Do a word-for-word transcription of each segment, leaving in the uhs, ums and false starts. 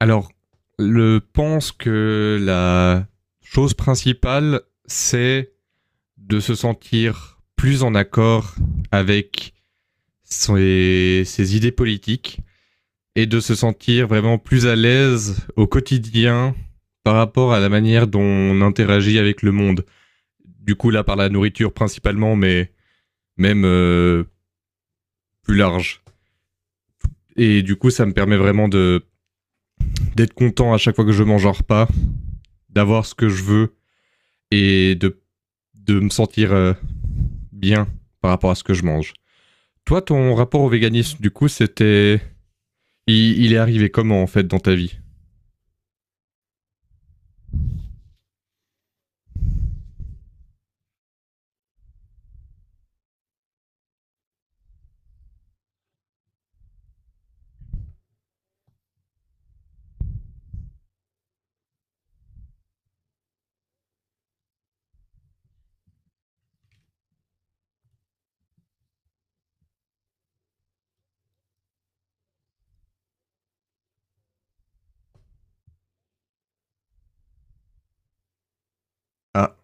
Alors, je pense que la chose principale, c'est de se sentir plus en accord avec ses, ses idées politiques et de se sentir vraiment plus à l'aise au quotidien par rapport à la manière dont on interagit avec le monde. Du coup, là, par la nourriture principalement, mais même euh, plus large. Et du coup, ça me permet vraiment de d'être content à chaque fois que je mange un repas, d'avoir ce que je veux et de, de me sentir euh, bien par rapport à ce que je mange. Toi, ton rapport au véganisme, du coup, c'était. Il, il est arrivé comment, en fait, dans ta vie? Ah.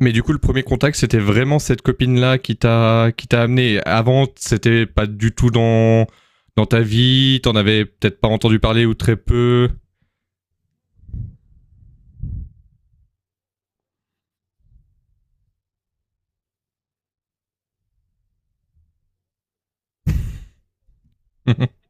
Mais du coup, le premier contact, c'était vraiment cette copine-là qui t'a qui t'a amené. Avant, c'était pas du tout dans, dans ta vie, t'en avais peut-être pas entendu parler ou très peu.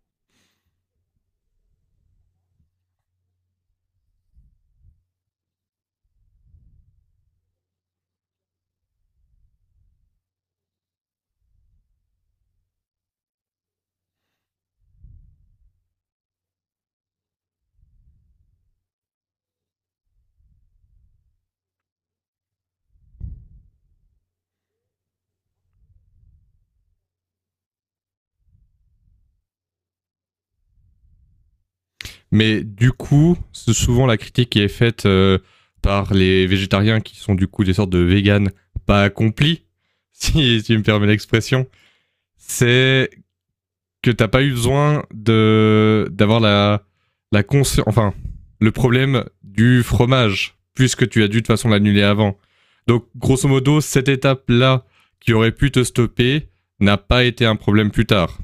Mais du coup, c'est souvent la critique qui est faite euh, par les végétariens qui sont du coup des sortes de véganes pas accomplis, si si tu me permets l'expression. C'est que t'as pas eu besoin de d'avoir la la consci- enfin le problème du fromage puisque tu as dû de toute façon l'annuler avant. Donc grosso modo cette étape là qui aurait pu te stopper n'a pas été un problème plus tard.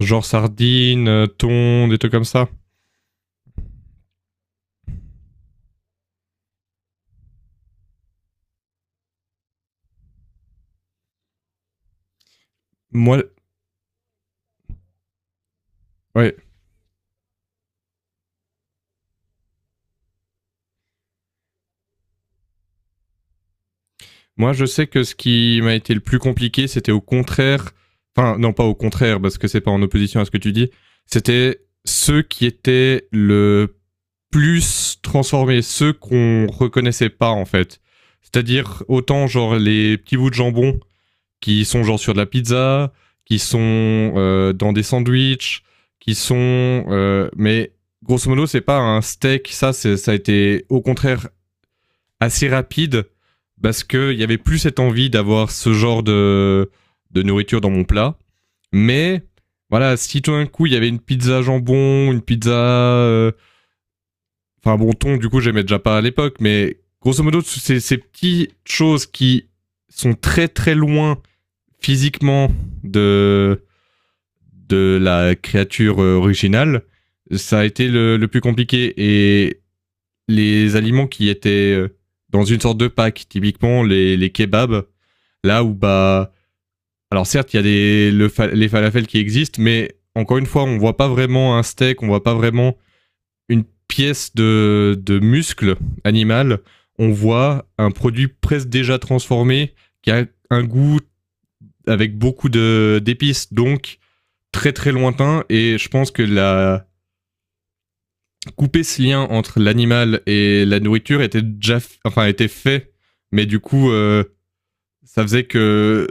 Genre sardines, thon, des trucs comme ça. Moi ouais, moi je sais que ce qui m'a été le plus compliqué c'était au contraire, enfin non pas au contraire parce que c'est pas en opposition à ce que tu dis, c'était ceux qui étaient le plus transformer, ceux qu'on reconnaissait pas en fait. C'est-à-dire autant genre les petits bouts de jambon qui sont genre sur de la pizza, qui sont euh, dans des sandwichs, qui sont euh, mais grosso modo c'est pas un steak, ça c'est ça a été au contraire assez rapide parce que il y avait plus cette envie d'avoir ce genre de de nourriture dans mon plat, mais voilà, si tout d'un coup il y avait une pizza jambon, une pizza euh, enfin bon, ton, du coup, j'aimais déjà pas à l'époque, mais grosso modo, c'est ces petites choses qui sont très très loin physiquement de, de la créature euh, originale, ça a été le, le plus compliqué. Et les aliments qui étaient euh, dans une sorte de pack, typiquement les, les kebabs, là où bah... Alors certes, il y a des, le, les falafels qui existent, mais encore une fois, on voit pas vraiment un steak, on voit pas vraiment une pièce de, de muscle animal, on voit un produit presque déjà transformé qui a un goût avec beaucoup de d'épices, donc très très lointain. Et je pense que la couper ce lien entre l'animal et la nourriture était déjà, enfin était fait, mais du coup, euh, ça faisait que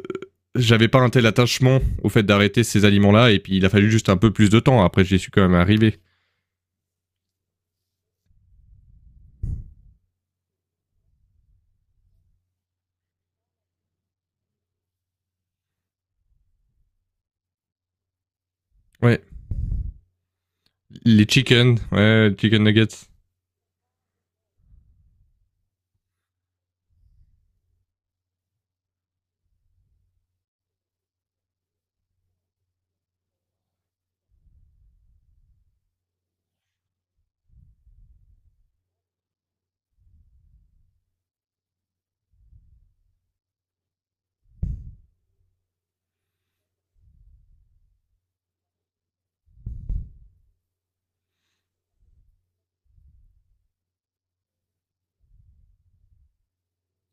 j'avais pas un tel attachement au fait d'arrêter ces aliments-là. Et puis il a fallu juste un peu plus de temps. Après, j'y suis quand même arrivé. Ouais, les chicken, ouais, chicken nuggets.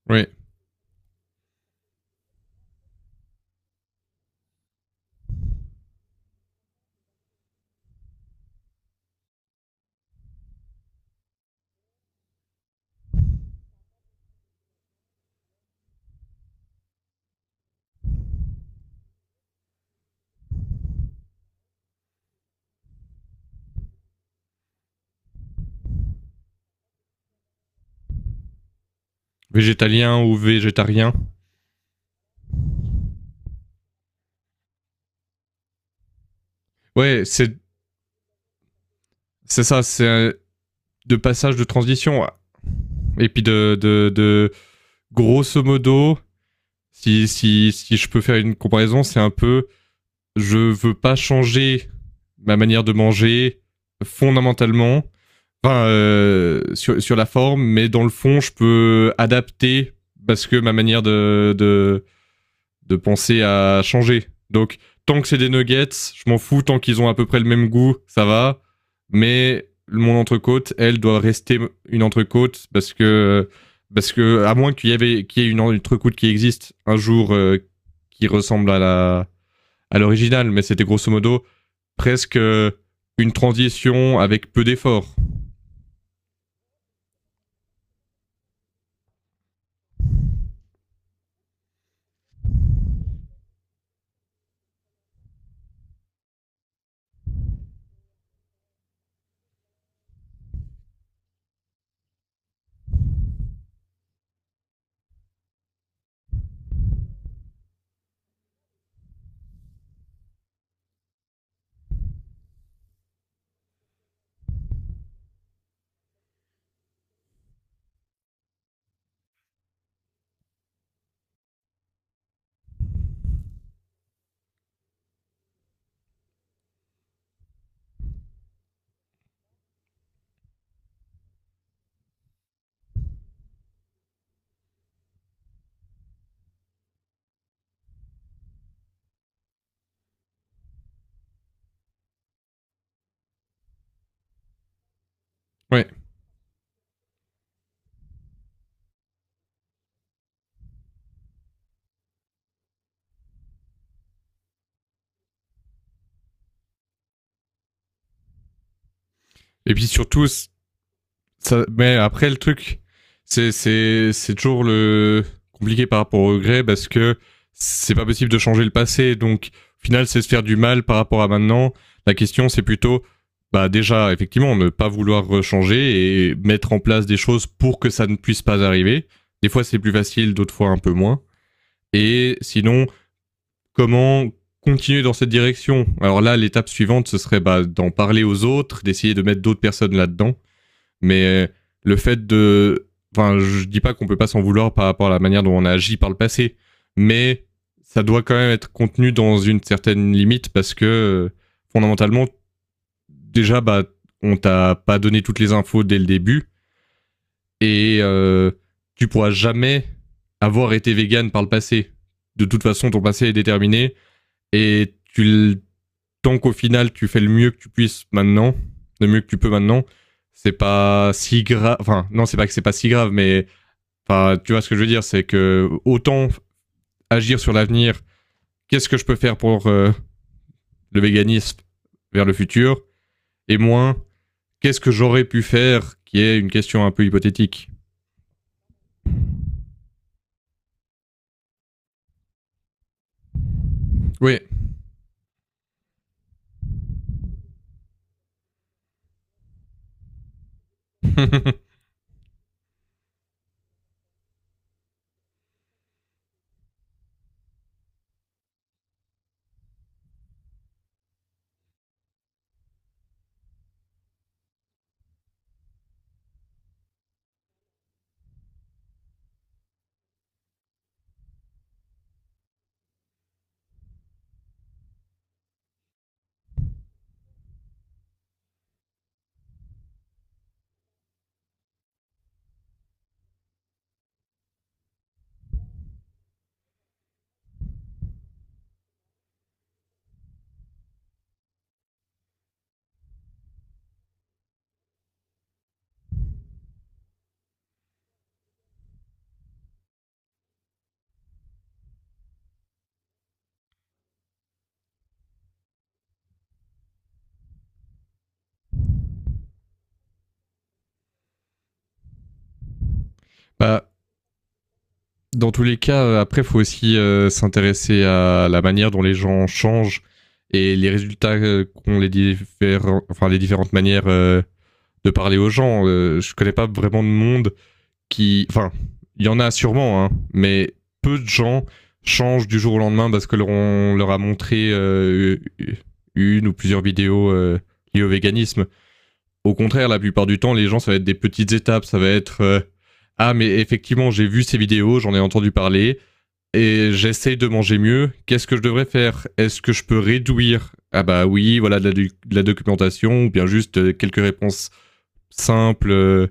Ouais, végétalien ou végétarien. Ouais, c'est c'est ça, c'est de passage de transition. Ouais. Et puis de, de, de grosso modo, si, si, si je peux faire une comparaison, c'est un peu je veux pas changer ma manière de manger fondamentalement, enfin, euh, sur, sur la forme, mais dans le fond, je peux adapter parce que ma manière de, de, de penser à changer. Donc, tant que c'est des nuggets, je m'en fous, tant qu'ils ont à peu près le même goût, ça va. Mais mon entrecôte, elle doit rester une entrecôte parce que, parce que à moins qu'il y, avait, qu'il y ait une entrecôte qui existe un jour euh, qui ressemble à la à l'original, mais c'était grosso modo presque euh, une transition avec peu d'efforts. Ouais. Et puis surtout, ça, mais après, le truc, c'est, c'est, c'est toujours le compliqué par rapport au regret parce que c'est pas possible de changer le passé. Donc, au final, c'est se faire du mal par rapport à maintenant. La question, c'est plutôt, bah, déjà, effectivement, ne pas vouloir changer et mettre en place des choses pour que ça ne puisse pas arriver. Des fois, c'est plus facile, d'autres fois, un peu moins. Et sinon, comment continuer dans cette direction? Alors là, l'étape suivante, ce serait bah, d'en parler aux autres, d'essayer de mettre d'autres personnes là-dedans, mais euh, le fait de. Enfin, je dis pas qu'on peut pas s'en vouloir par rapport à la manière dont on a agi par le passé, mais ça doit quand même être contenu dans une certaine limite parce que euh, fondamentalement, déjà, bah, on t'a pas donné toutes les infos dès le début et euh, tu pourras jamais avoir été vegan par le passé. De toute façon, ton passé est déterminé et tu tant qu'au final tu fais le mieux que tu puisses maintenant, le mieux que tu peux maintenant, c'est pas si grave. Enfin, non, c'est pas que c'est pas si grave, mais enfin, tu vois ce que je veux dire, c'est que autant agir sur l'avenir. Qu'est-ce que je peux faire pour euh, le véganisme vers le futur et moins qu'est-ce que j'aurais pu faire, qui est une question un peu hypothétique. Oui. Bah, dans tous les cas, euh, après, il faut aussi euh, s'intéresser à la manière dont les gens changent et les résultats euh, qu'ont les différents, enfin les différentes manières euh, de parler aux gens. Euh, je connais pas vraiment de monde qui, enfin, il y en a sûrement, hein, mais peu de gens changent du jour au lendemain parce que leur, on leur a montré euh, une ou plusieurs vidéos euh, liées au véganisme. Au contraire, la plupart du temps, les gens, ça va être des petites étapes, ça va être euh, ah mais effectivement, j'ai vu ces vidéos, j'en ai entendu parler et j'essaye de manger mieux, qu'est-ce que je devrais faire? Est-ce que je peux réduire? Ah bah oui, voilà de la, de la documentation, ou bien juste euh, quelques réponses simples euh,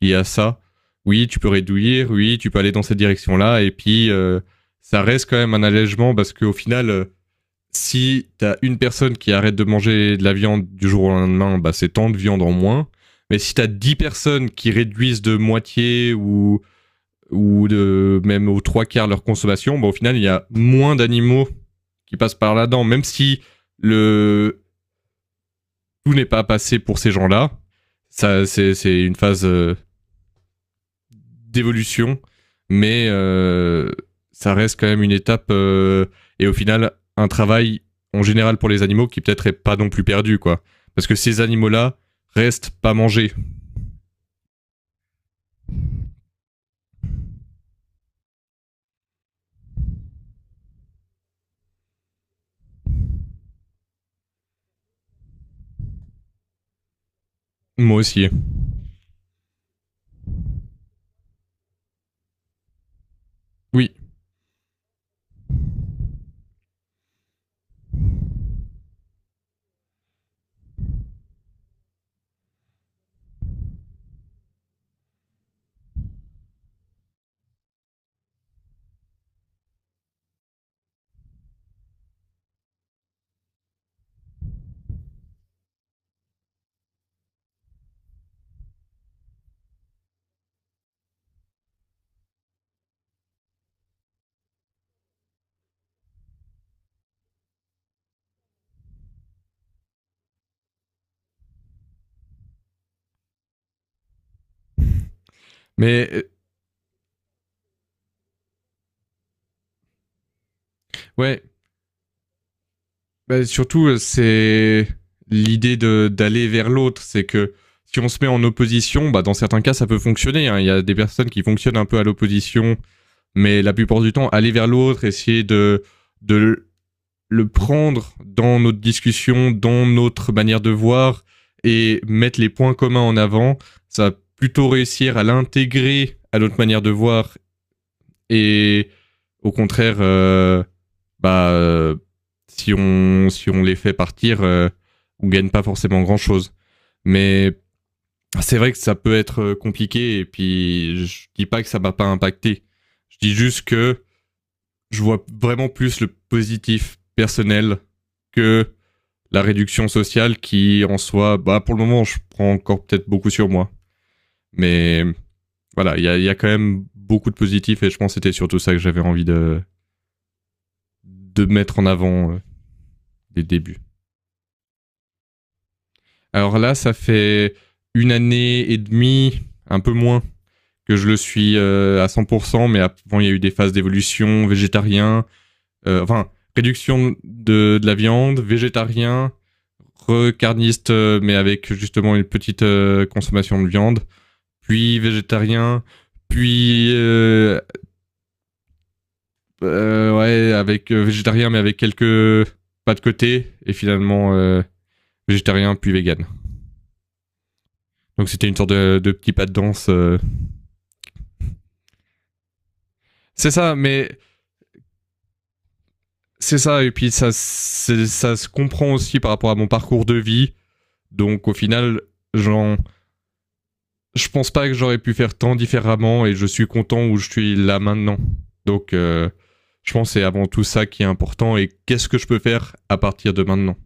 liées à ça. Oui, tu peux réduire, oui, tu peux aller dans cette direction-là, et puis euh, ça reste quand même un allègement parce qu'au final, euh, si t'as une personne qui arrête de manger de la viande du jour au lendemain, bah c'est tant de viande en moins. Mais si t'as dix personnes qui réduisent de moitié ou ou de même aux trois quarts de leur consommation, bah, au final, il y a moins d'animaux qui passent par là-dedans, même si le tout n'est pas passé pour ces gens-là. Ça, c'est, c'est une phase euh, d'évolution, mais euh, ça reste quand même une étape euh, et au final un travail en général pour les animaux qui peut-être est pas non plus perdu, quoi. Parce que ces animaux-là restent pas mangés. Moi aussi. Oui. Mais euh, ouais, bah, surtout, euh, c'est l'idée de d'aller vers l'autre, c'est que si on se met en opposition, bah, dans certains cas, ça peut fonctionner, hein. Il y a des personnes qui fonctionnent un peu à l'opposition, mais la plupart du temps, aller vers l'autre, essayer de, de le prendre dans notre discussion, dans notre manière de voir et mettre les points communs en avant, ça va plutôt réussir à l'intégrer à notre manière de voir et au contraire, euh, bah, euh, si, on, si on les fait partir, euh, on gagne pas forcément grand-chose. Mais c'est vrai que ça peut être euh, compliqué et puis je dis pas que ça m'a pas impacté. Je dis juste que je vois vraiment plus le positif personnel que la réduction sociale qui en soi, bah pour le moment je prends encore peut-être beaucoup sur moi. Mais voilà, il y a, y a quand même beaucoup de positifs et je pense que c'était surtout ça que j'avais envie de, de mettre en avant euh, les débuts. Alors là, ça fait une année et demie, un peu moins, que je le suis euh, à cent pour cent, mais avant, il y a eu des phases d'évolution, végétarien, euh, enfin, réduction de, de, la viande, végétarien, recarniste, euh, mais avec justement une petite euh, consommation de viande, puis végétarien, puis euh, euh, ouais, avec euh, végétarien, mais avec quelques pas de côté, et finalement euh, végétarien, puis vegan. Donc c'était une sorte de, de petit pas de danse, euh. C'est ça, mais c'est ça. Et puis ça, ça se comprend aussi par rapport à mon parcours de vie. Donc au final, j'en, je pense pas que j'aurais pu faire tant différemment et je suis content où je suis là maintenant. Donc euh, je pense que c'est avant tout ça qui est important et qu'est-ce que je peux faire à partir de maintenant.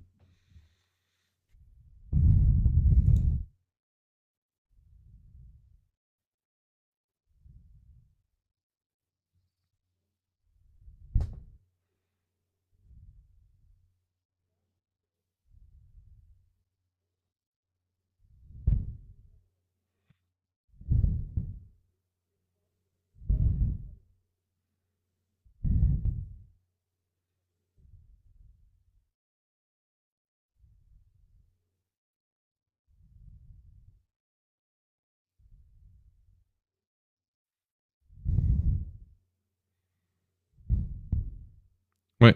Ouais.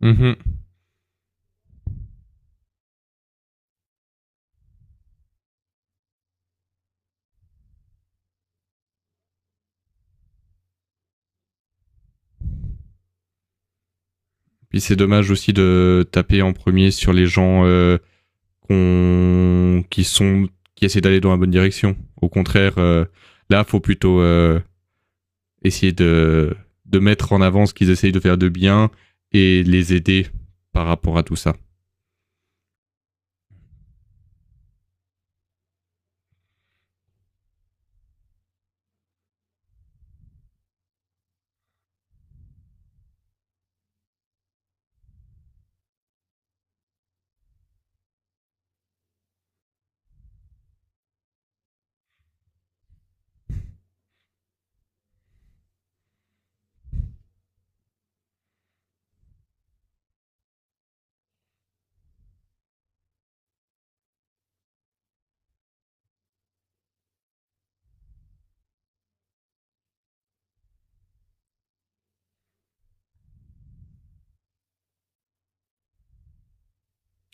Mhm. Puis c'est dommage aussi de taper en premier sur les gens euh, qu'on- qui sont qui essaient d'aller dans la bonne direction. Au contraire, euh, là, faut plutôt euh, essayer de de mettre en avant ce qu'ils essayent de faire de bien et les aider par rapport à tout ça.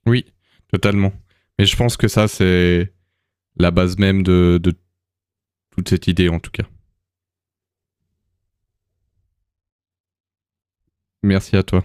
Oui, totalement. Et je pense que ça, c'est la base même de, de toute cette idée, en tout cas. Merci à toi.